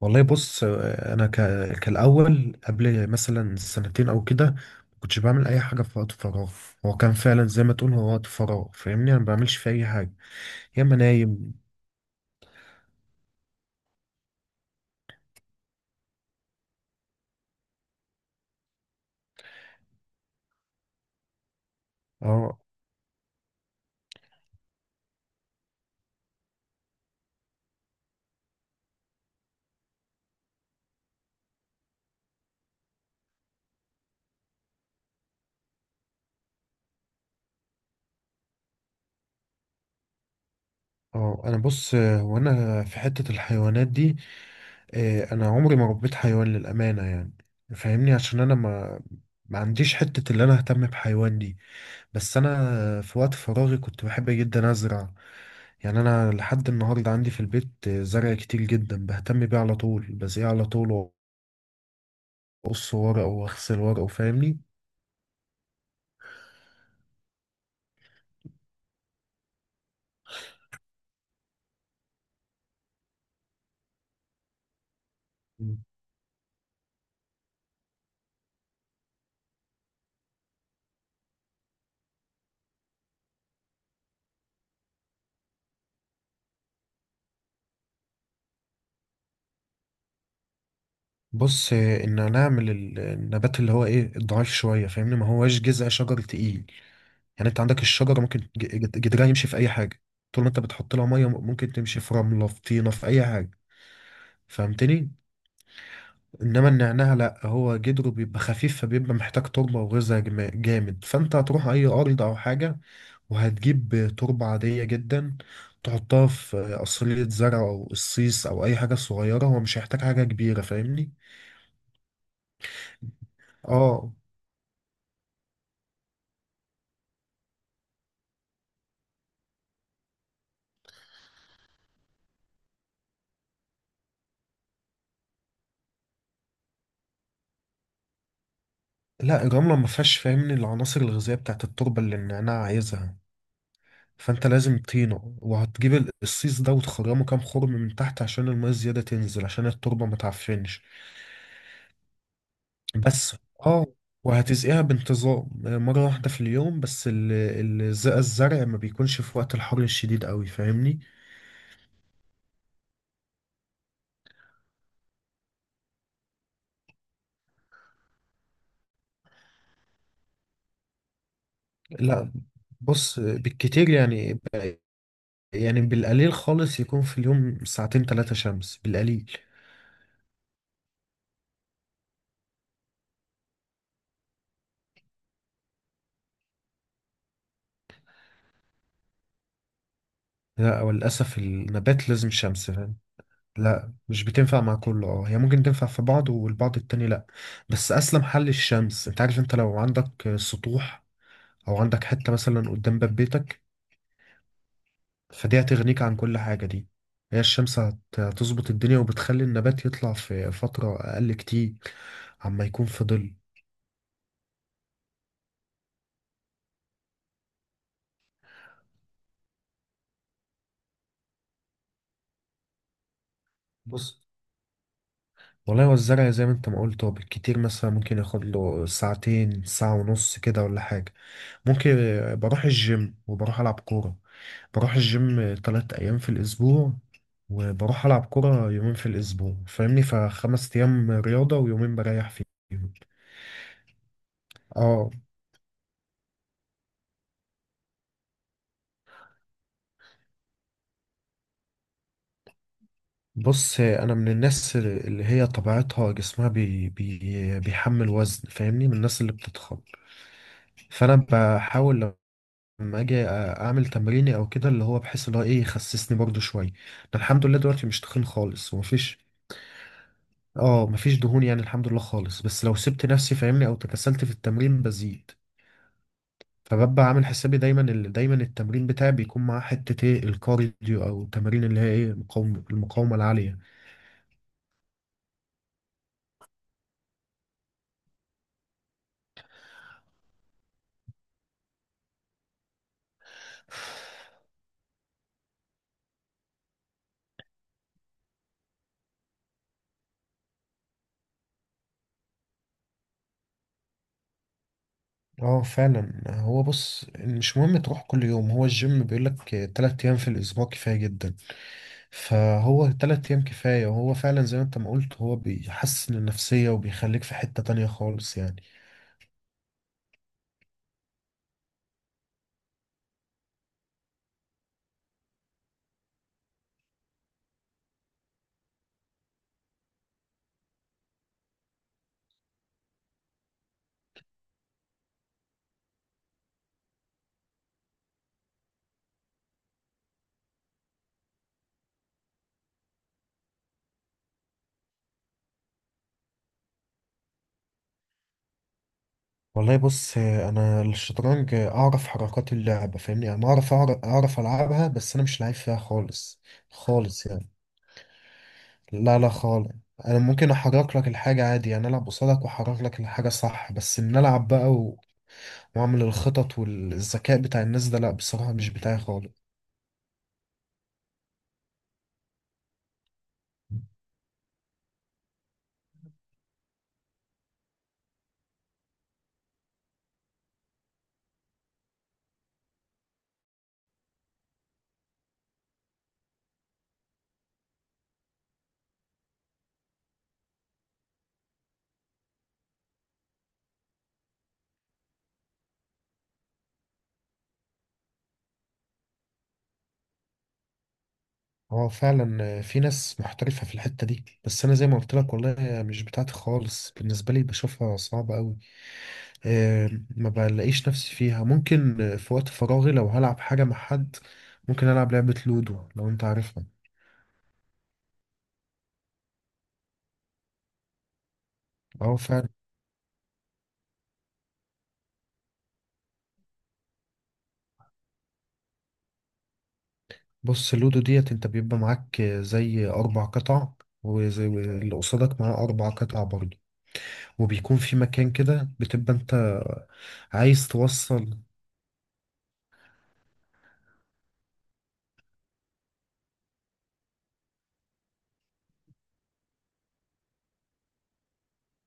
والله، بص، انا كالاول قبل مثلا سنتين او كده. ما كنتش بعمل اي حاجه في وقت فراغ. هو كان فعلا زي ما تقول، هو وقت فراغ، فاهمني، انا ما بعملش فيه اي حاجه. يا اما نايم. اه، اه، انا بص. وانا في حته الحيوانات دي، انا عمري ما ربيت حيوان للامانه يعني، فاهمني، عشان انا ما عنديش حته اللي انا اهتم بحيوان دي. بس انا في وقت فراغي كنت بحب جدا ازرع، يعني انا لحد النهارده عندي في البيت زرع كتير جدا بهتم بيه على طول، بزيه على طول، واقص ورقه، واغسل ورقه، فاهمني. مم. بص، ان انا اعمل النبات اللي هو ايه ضعيف شويه، فاهمني، ما هواش جذع شجر تقيل. يعني انت عندك الشجره ممكن جذرها يمشي في اي حاجه. طول ما انت بتحط لها ميه ممكن تمشي في رمله، في طينه، في اي حاجه، فهمتني. انما النعناع لا، هو جدره بيبقى خفيف، فبيبقى محتاج تربه وغذاء جامد، فانت هتروح اي ارض او حاجه وهتجيب تربه عاديه جدا، تحطها في قصيلة زرع او قصيص او اي حاجه صغيره. هو مش هيحتاج حاجه كبيره، فاهمني. اه. لا، الرمله ما فيهاش فاهمني العناصر الغذائيه بتاعت التربه اللي النعناع عايزها. فانت لازم طينه، وهتجيب القصيص ده وتخرمه كام خرم من تحت عشان الميه الزياده تنزل، عشان التربه ما تعفنش. بس. اه. وهتسقيها بانتظام مرة واحدة في اليوم، بس الزق الزرع ما بيكونش في وقت الحر الشديد قوي، فاهمني. لا. بص، بالكتير يعني، يعني بالقليل خالص، يكون في اليوم ساعتين ثلاثة شمس بالقليل. لا، وللأسف النبات لازم شمس، فاهم؟ لا، مش بتنفع مع كله، اه، هي ممكن تنفع في بعض والبعض التاني لا. بس أسلم حل الشمس. انت عارف، انت لو عندك سطوح أو عندك حتة مثلا قدام باب بيتك، فدي هتغنيك عن كل حاجة دي. هي الشمس هتظبط الدنيا، وبتخلي النبات يطلع في فترة أقل كتير عما يكون في ظل. بص، والله هو الزرع زي ما انت ما قلت، هو بالكتير مثلا ممكن ياخد له ساعتين، ساعة ونص كده، ولا حاجة. ممكن بروح الجيم، وبروح ألعب كورة. بروح الجيم تلات أيام في الأسبوع، وبروح ألعب كورة يومين في الأسبوع، فاهمني، فخمس أيام رياضة ويومين بريح فيهم. اه. بص، انا من الناس اللي هي طبيعتها جسمها بي بي بيحمل وزن، فاهمني، من الناس اللي بتضخم. فانا بحاول لما اجي اعمل تمريني او كده، اللي هو بحس اللي هو ايه يخسسني برضو شويه. انا الحمد لله دلوقتي مش تخين خالص، ومفيش، اه، مفيش دهون يعني، الحمد لله خالص. بس لو سبت نفسي، فاهمني، او تكسلت في التمرين بزيد. فببقى عامل حسابي دايما، دايما التمرين بتاعي بيكون معاه حته ايه الكارديو او التمارين اللي هي ايه المقاومه العاليه. اه، فعلا. هو بص مش مهم تروح كل يوم، هو الجيم بيقولك تلات ايام في الاسبوع كفاية جدا. فهو تلات ايام كفاية، وهو فعلا زي ما انت ما قلت هو بيحسن النفسية وبيخليك في حتة تانية خالص يعني. والله بص، انا الشطرنج اعرف حركات اللعبة، فاهمني، انا اعرف اعرف أعرف العبها، بس انا مش لعيب فيها خالص. خالص يعني. لا، لا، خالص. انا ممكن احرك لك الحاجة عادي، يعني العب قصادك واحرك لك الحاجة صح، بس ان العب بقى واعمل الخطط والذكاء بتاع الناس ده، لا بصراحة مش بتاعي خالص. هو فعلا في ناس محترفة في الحتة دي، بس أنا زي ما قلت لك والله مش بتاعتي خالص، بالنسبة لي بشوفها صعبة أوي. آه، ما بلاقيش نفسي فيها. ممكن في وقت فراغي لو هلعب حاجة مع حد، ممكن ألعب لعبة لودو، لو أنت عارفها. أه، فعلا. بص، اللودو ديت أنت بيبقى معاك زي أربع قطع، وزي اللي قصادك معاه أربع قطع برضه، وبيكون في مكان كده بتبقى أنت عايز توصل.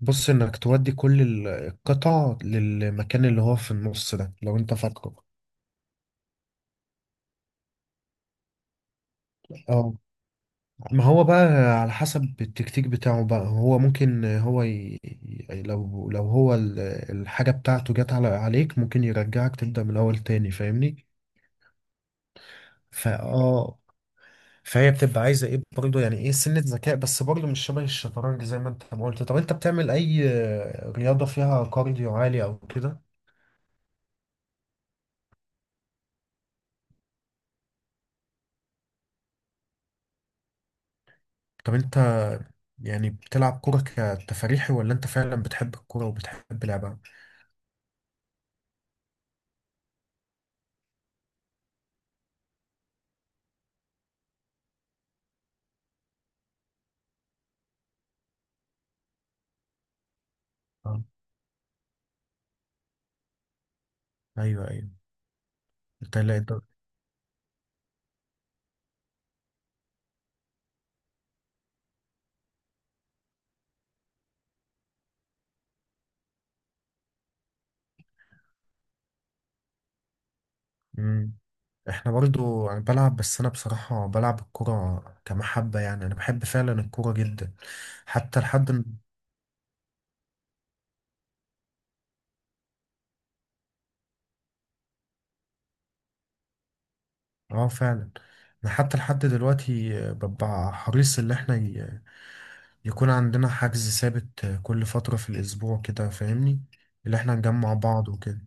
بص، انك تودي كل القطع للمكان اللي هو في النص ده، لو انت فاكره. اه. ما هو بقى على حسب التكتيك بتاعه بقى، هو ممكن لو هو الحاجة بتاعته جت عليك ممكن يرجعك تبدأ من الأول تاني، فاهمني. فا اه فهي بتبقى عايزة ايه برضه، يعني ايه سنة ذكاء، بس برضه مش شبه الشطرنج زي ما انت ما قلت. طب انت بتعمل اي رياضة فيها كارديو عالي او كده؟ طب انت يعني بتلعب كرة كتفريحي، ولا انت فعلا بتحب الكرة وبتحب لعبها؟ آه. ايوه، ايوه. انت لا انت. مم. احنا برضو انا بلعب، بس انا بصراحة بلعب الكرة كمحبة، يعني انا بحب فعلا الكرة جدا حتى لحد اه، فعلا. انا حتى لحد دلوقتي ببقى حريص ان احنا يكون عندنا حجز ثابت، كل فترة في الاسبوع كده، فاهمني، اللي احنا نجمع بعض وكده.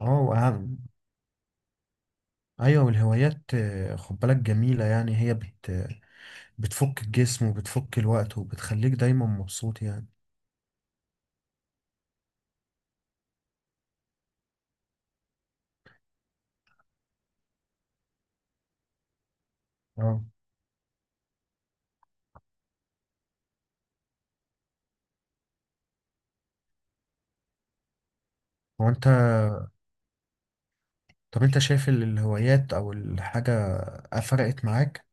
اه، ايوه. والهوايات، خد بالك جميله، يعني هي بتفك الجسم وبتفك الوقت، وبتخليك دايما مبسوط يعني. اه. هو انت طب انت شايف الهوايات او الحاجه فرقت معاك؟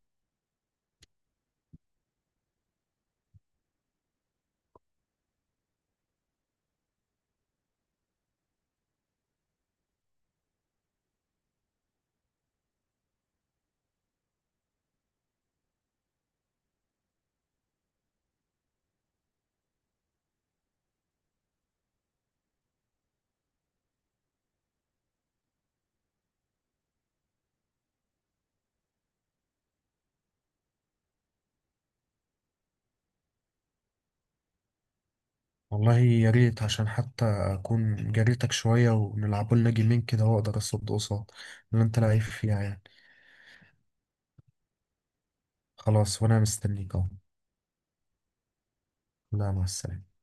والله يا ريت، عشان حتى اكون جريتك شويه ونلعبوا لنا جيمين كده، واقدر اصد قصاد اللي انت لعيب فيها يعني. خلاص، وانا مستنيك اهو. لا، مع السلامه.